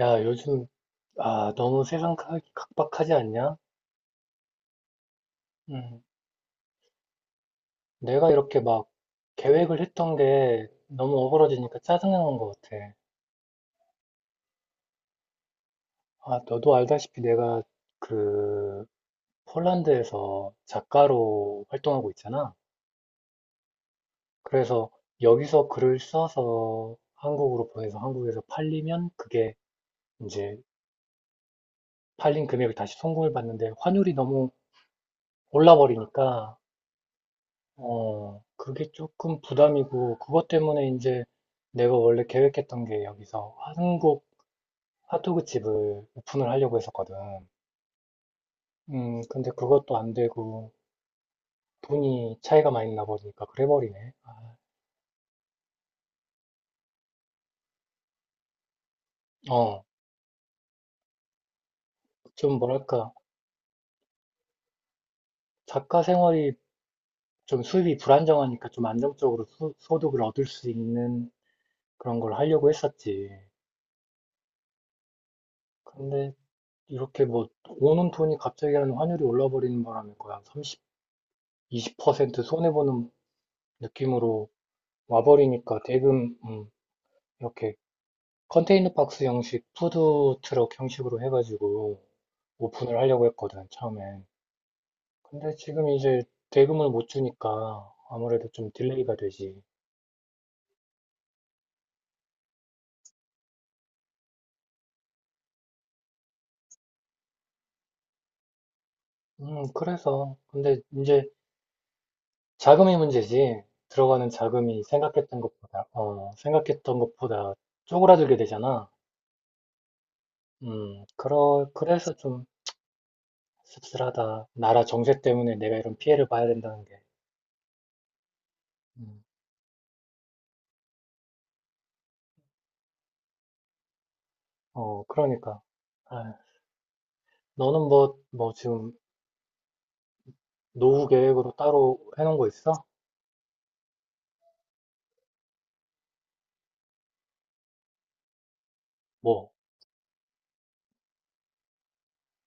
야, 요즘, 아, 너무 세상 각박하지 않냐? 음, 내가 이렇게 막 계획을 했던 게 너무 어그러지니까 짜증나는 것 같아. 아, 너도 알다시피 내가 그 폴란드에서 작가로 활동하고 있잖아. 그래서 여기서 글을 써서 한국으로 보내서 한국에서 팔리면 그게 이제 팔린 금액을 다시 송금을 받는데 환율이 너무 올라 버리니까 어, 그게 조금 부담이고, 그것 때문에 이제 내가 원래 계획했던 게 여기서 한국 핫도그 집을 오픈을 하려고 했었거든. 근데 그것도 안 되고, 돈이 차이가 많이 나 버리니까 그래버리네. 아, 어, 좀 뭐랄까, 작가 생활이 좀 수입이 불안정하니까 좀 안정적으로 소득을 얻을 수 있는 그런 걸 하려고 했었지. 근데 이렇게 뭐, 오는 돈이 갑자기 하는 환율이 올라 버리는 바람에 거의 한 삼십, 이십 퍼센트 손해보는 느낌으로 와버리니까 대금 이렇게 컨테이너 박스 형식, 푸드 트럭 형식으로 해가지고 오픈을 하려고 했거든, 처음엔. 근데 지금 이제 대금을 못 주니까 아무래도 좀 딜레이가 되지. 그래서 근데 이제 자금이 문제지. 들어가는 자금이 생각했던 것보다 어, 생각했던 것보다 쪼그라들게 되잖아. 그래서 좀 씁쓸하다. 나라 정세 때문에 내가 이런 피해를 봐야 된다는 게. 음. 어, 그러니까. 아, 너는 뭐, 뭐 지금 노후 계획으로 따로 해놓은 거 있어? 뭐,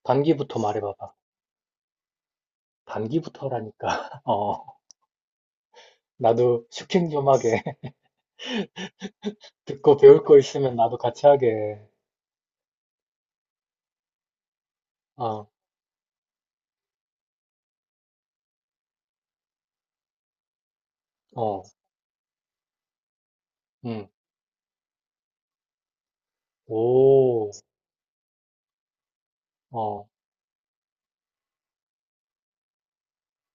단기부터 말해봐봐. 단기부터라니까. 어, 나도 슈킹 좀 하게. 듣고 배울 거 있으면 나도 같이 하게. 어, 어, 응. 오, 어,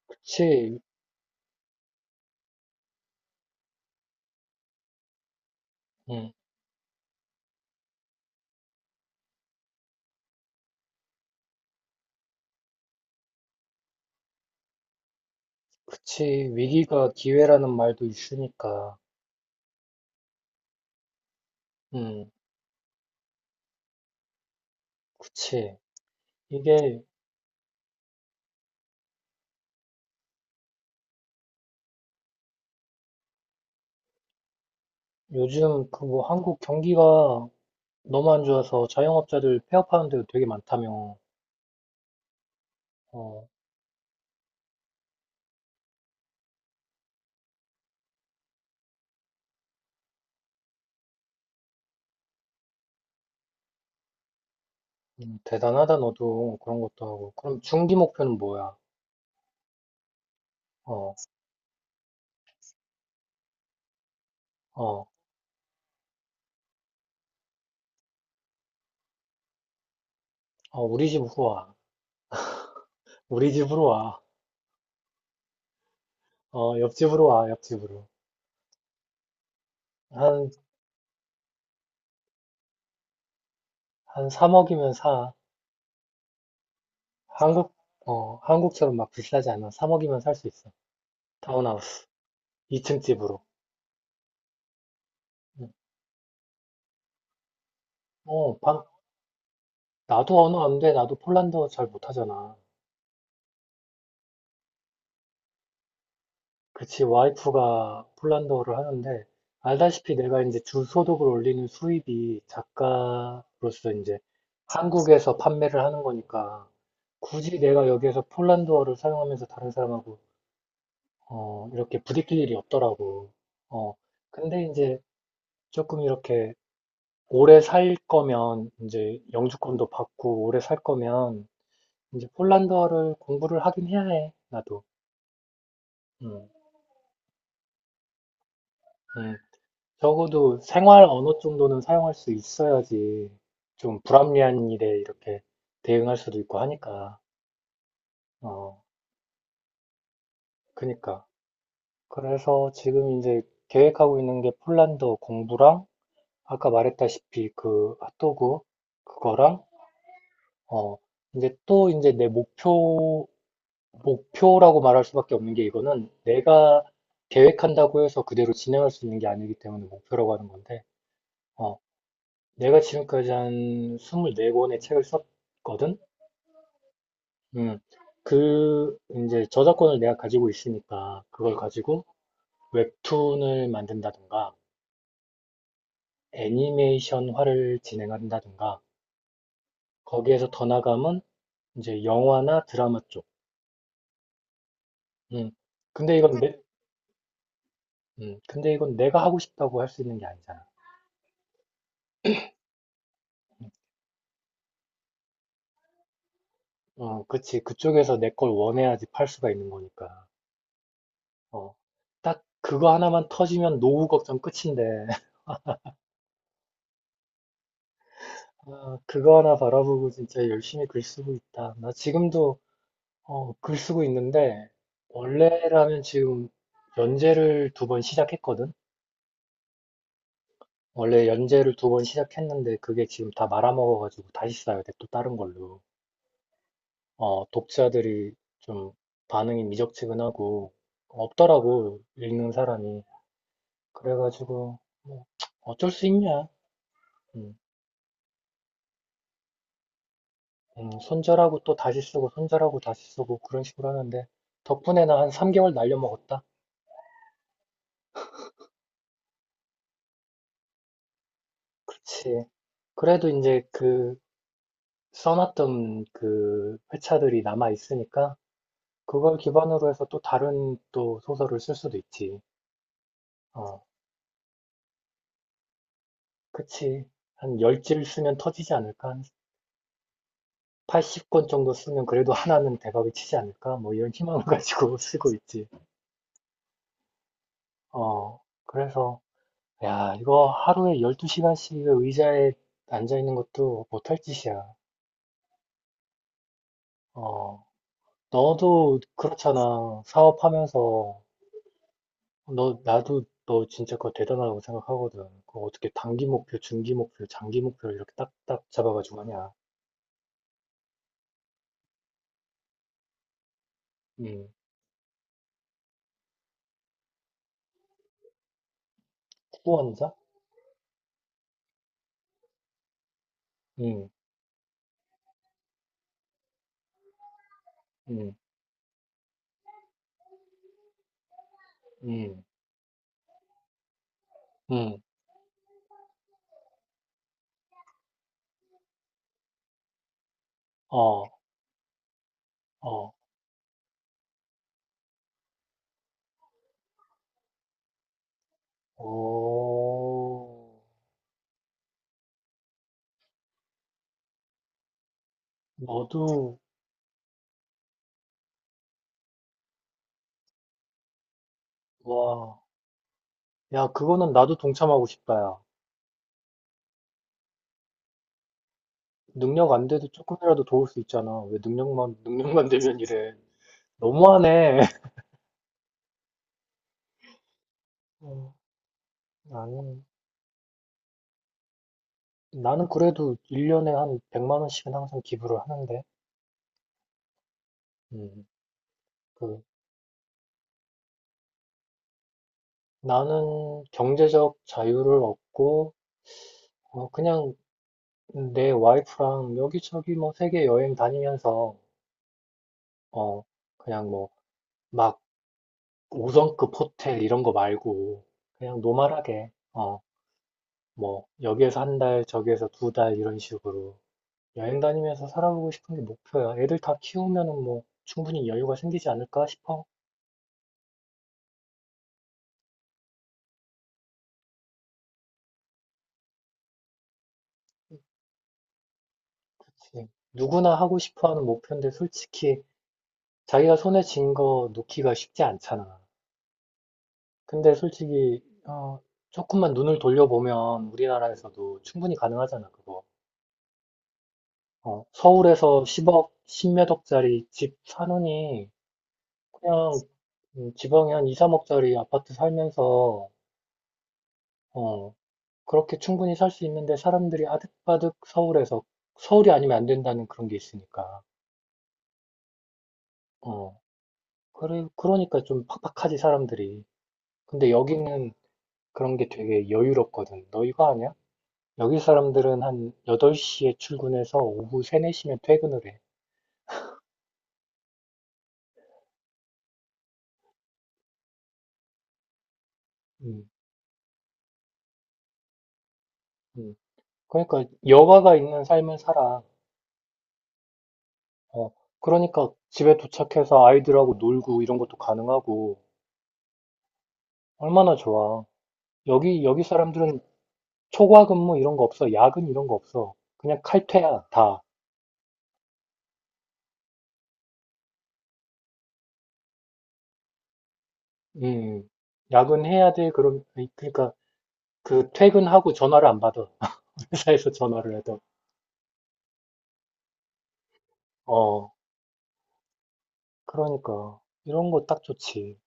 그치. 응, 그치. 위기가 기회라는 말도 있으니까. 응, 그치. 이게 요즘 그 뭐 한국 경기가 너무 안 좋아서 자영업자들 폐업하는 데도 되게 많다며. 어, 대단하다, 너도. 그런 것도 하고. 그럼 중기 목표는 뭐야? 어, 어, 어, 우리 집으로 와. 우리 집으로 와. 어, 옆집으로 와, 옆집으로. 한, 한 3억이면 사. 한국, 어, 한국처럼 막 비싸지 않아. 3억이면 살 수 있어. 타운하우스. 2층 집으로. 응. 어, 방, 나도 언어 안 돼. 나도 폴란드어 잘 못하잖아. 그치, 와이프가 폴란드어를 하는데, 알다시피 내가 이제 주소득을 올리는 수입이 작가로서 이제 한국에서 판매를 하는 거니까, 굳이 내가 여기에서 폴란드어를 사용하면서 다른 사람하고, 어, 이렇게 부딪힐 일이 없더라고. 어, 근데 이제 조금 이렇게 오래 살 거면, 이제 영주권도 받고 오래 살 거면, 이제 폴란드어를 공부를 하긴 해야 해, 나도. 음, 음. 적어도 생활 언어 정도는 사용할 수 있어야지 좀 불합리한 일에 이렇게 대응할 수도 있고 하니까. 어, 그니까. 그래서 지금 이제 계획하고 있는 게 폴란드 공부랑 아까 말했다시피 그 핫도그 그거랑 어, 이제 또 이제 내 목표 목표라고 말할 수밖에 없는 게 이거는 내가 계획한다고 해서 그대로 진행할 수 있는 게 아니기 때문에 목표라고 하는 건데 어, 내가 지금까지 한 24권의 책을 썼거든? 음. 그, 이제 저작권을 내가 가지고 있으니까 그걸 가지고 웹툰을 만든다든가 애니메이션화를 진행한다든가 거기에서 더 나가면 이제 영화나 드라마 쪽. 음. 근데 이건 내, 근데 이건 내가 하고 싶다고 할 수 있는 게 아니잖아. 어, 그치. 그쪽에서 내 걸 원해야지 팔 수가 있는 거니까. 어. 딱 그거 하나만 터지면 노후 걱정 끝인데. 아, 그거 하나 바라보고 진짜 열심히 글 쓰고 있다. 나 지금도 어, 글 쓰고 있는데 원래라면 지금 연재를 두 번 시작했거든. 원래 연재를 두 번 시작했는데 그게 지금 다 말아먹어가지고 다시 써야 돼. 또 다른 걸로. 어, 독자들이 좀 반응이 미적지근하고 없더라고 읽는 사람이. 그래가지고 뭐 어쩔 수 있냐. 음. 손절하고 또 다시 쓰고, 손절하고 다시 쓰고, 그런 식으로 하는데, 덕분에는 한 3개월 날려먹었다? 그치. 그래도 이제 그, 써놨던 그 회차들이 남아있으니까, 그걸 기반으로 해서 또 다른 또 소설을 쓸 수도 있지. 어, 그치. 한 열 질 쓰면 터지지 않을까? 한 80권 정도 쓰면 그래도 하나는 대박이 치지 않을까? 뭐 이런 희망을 가지고 쓰고 있지. 어, 그래서, 야, 이거 하루에 12시간씩 의자에 앉아있는 것도 못할 짓이야. 어, 너도 그렇잖아. 사업하면서. 나도 너 진짜 그거 대단하다고 생각하거든. 그거 어떻게 단기 목표, 중기 목표, 장기 목표 이렇게 딱딱 잡아가지고 하냐. 음, 후원자? 음, 음, 음, 음, 어, 어, 오, 너도, 와. 야, 그거는 나도 동참하고 싶다, 야. 능력 안 돼도 조금이라도 도울 수 있잖아. 왜 능력만, 능력만 되면 이래. 너무하네. 어, 나는, 나는 그래도 1년에 한 100만 원씩은 항상 기부를 하는데, 음, 그, 나는 경제적 자유를 얻고, 어, 그냥 내 와이프랑 여기저기 뭐 세계 여행 다니면서, 어, 그냥 뭐, 막 5성급 호텔 이런 거 말고, 그냥 노멀하게, 어, 뭐, 여기에서 한 달, 저기에서 두 달 이런 식으로. 여행 다니면서 살아보고 싶은 게 목표야. 애들 다 키우면은 뭐 충분히 여유가 생기지 않을까 싶어. 그치. 누구나 하고 싶어 하는 목표인데 솔직히 자기가 손에 쥔거 놓기가 쉽지 않잖아. 근데 솔직히, 어, 조금만 눈을 돌려보면 우리나라에서도 충분히 가능하잖아, 그거. 어, 서울에서 10억, 10몇 억짜리 집 사느니 그냥 지방에 한 2, 3억짜리 아파트 살면서 어, 그렇게 충분히 살 수 있는데 사람들이 아득바득 서울에서 서울이 아니면 안 된다는 그런 게 있으니까. 어. 그래 그러니까 좀 팍팍하지 사람들이. 근데 여기는 그런 게 되게 여유롭거든. 너 이거 아냐? 여기 사람들은 한 8시에 출근해서 오후 3, 4시면 퇴근을 해. 음, 음. 그러니까 여가가 있는 삶을 살아. 어. 그러니까 집에 도착해서 아이들하고 놀고 이런 것도 가능하고 얼마나 좋아. 여기 사람들은 초과 근무 이런 거 없어. 야근 이런 거 없어. 그냥 칼퇴야, 다. 음, 야근해야 돼. 그럼, 아니, 그러니까, 그 퇴근하고 전화를 안 받아. 회사에서 전화를 해도. 어, 그러니까. 이런 거 딱 좋지.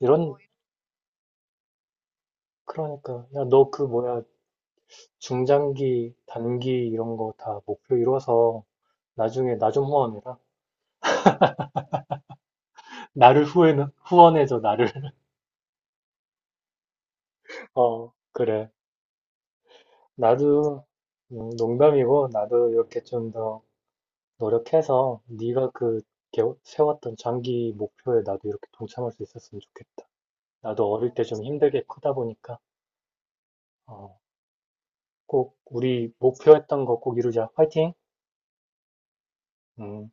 이런, 어, 그러니까. 야, 너 그 뭐야, 중장기, 단기 이런 거 다 목표 이뤄서 나중에 나 좀 후원해라. 나를 후원해줘, 나를. 어, 그래. 나도, 농담이고, 나도 이렇게 좀 더, 노력해서 네가 그 세웠던 장기 목표에 나도 이렇게 동참할 수 있었으면 좋겠다. 나도 어릴 때 좀 힘들게 크다 보니까 어, 꼭 우리 목표했던 거 꼭 이루자. 화이팅! 음.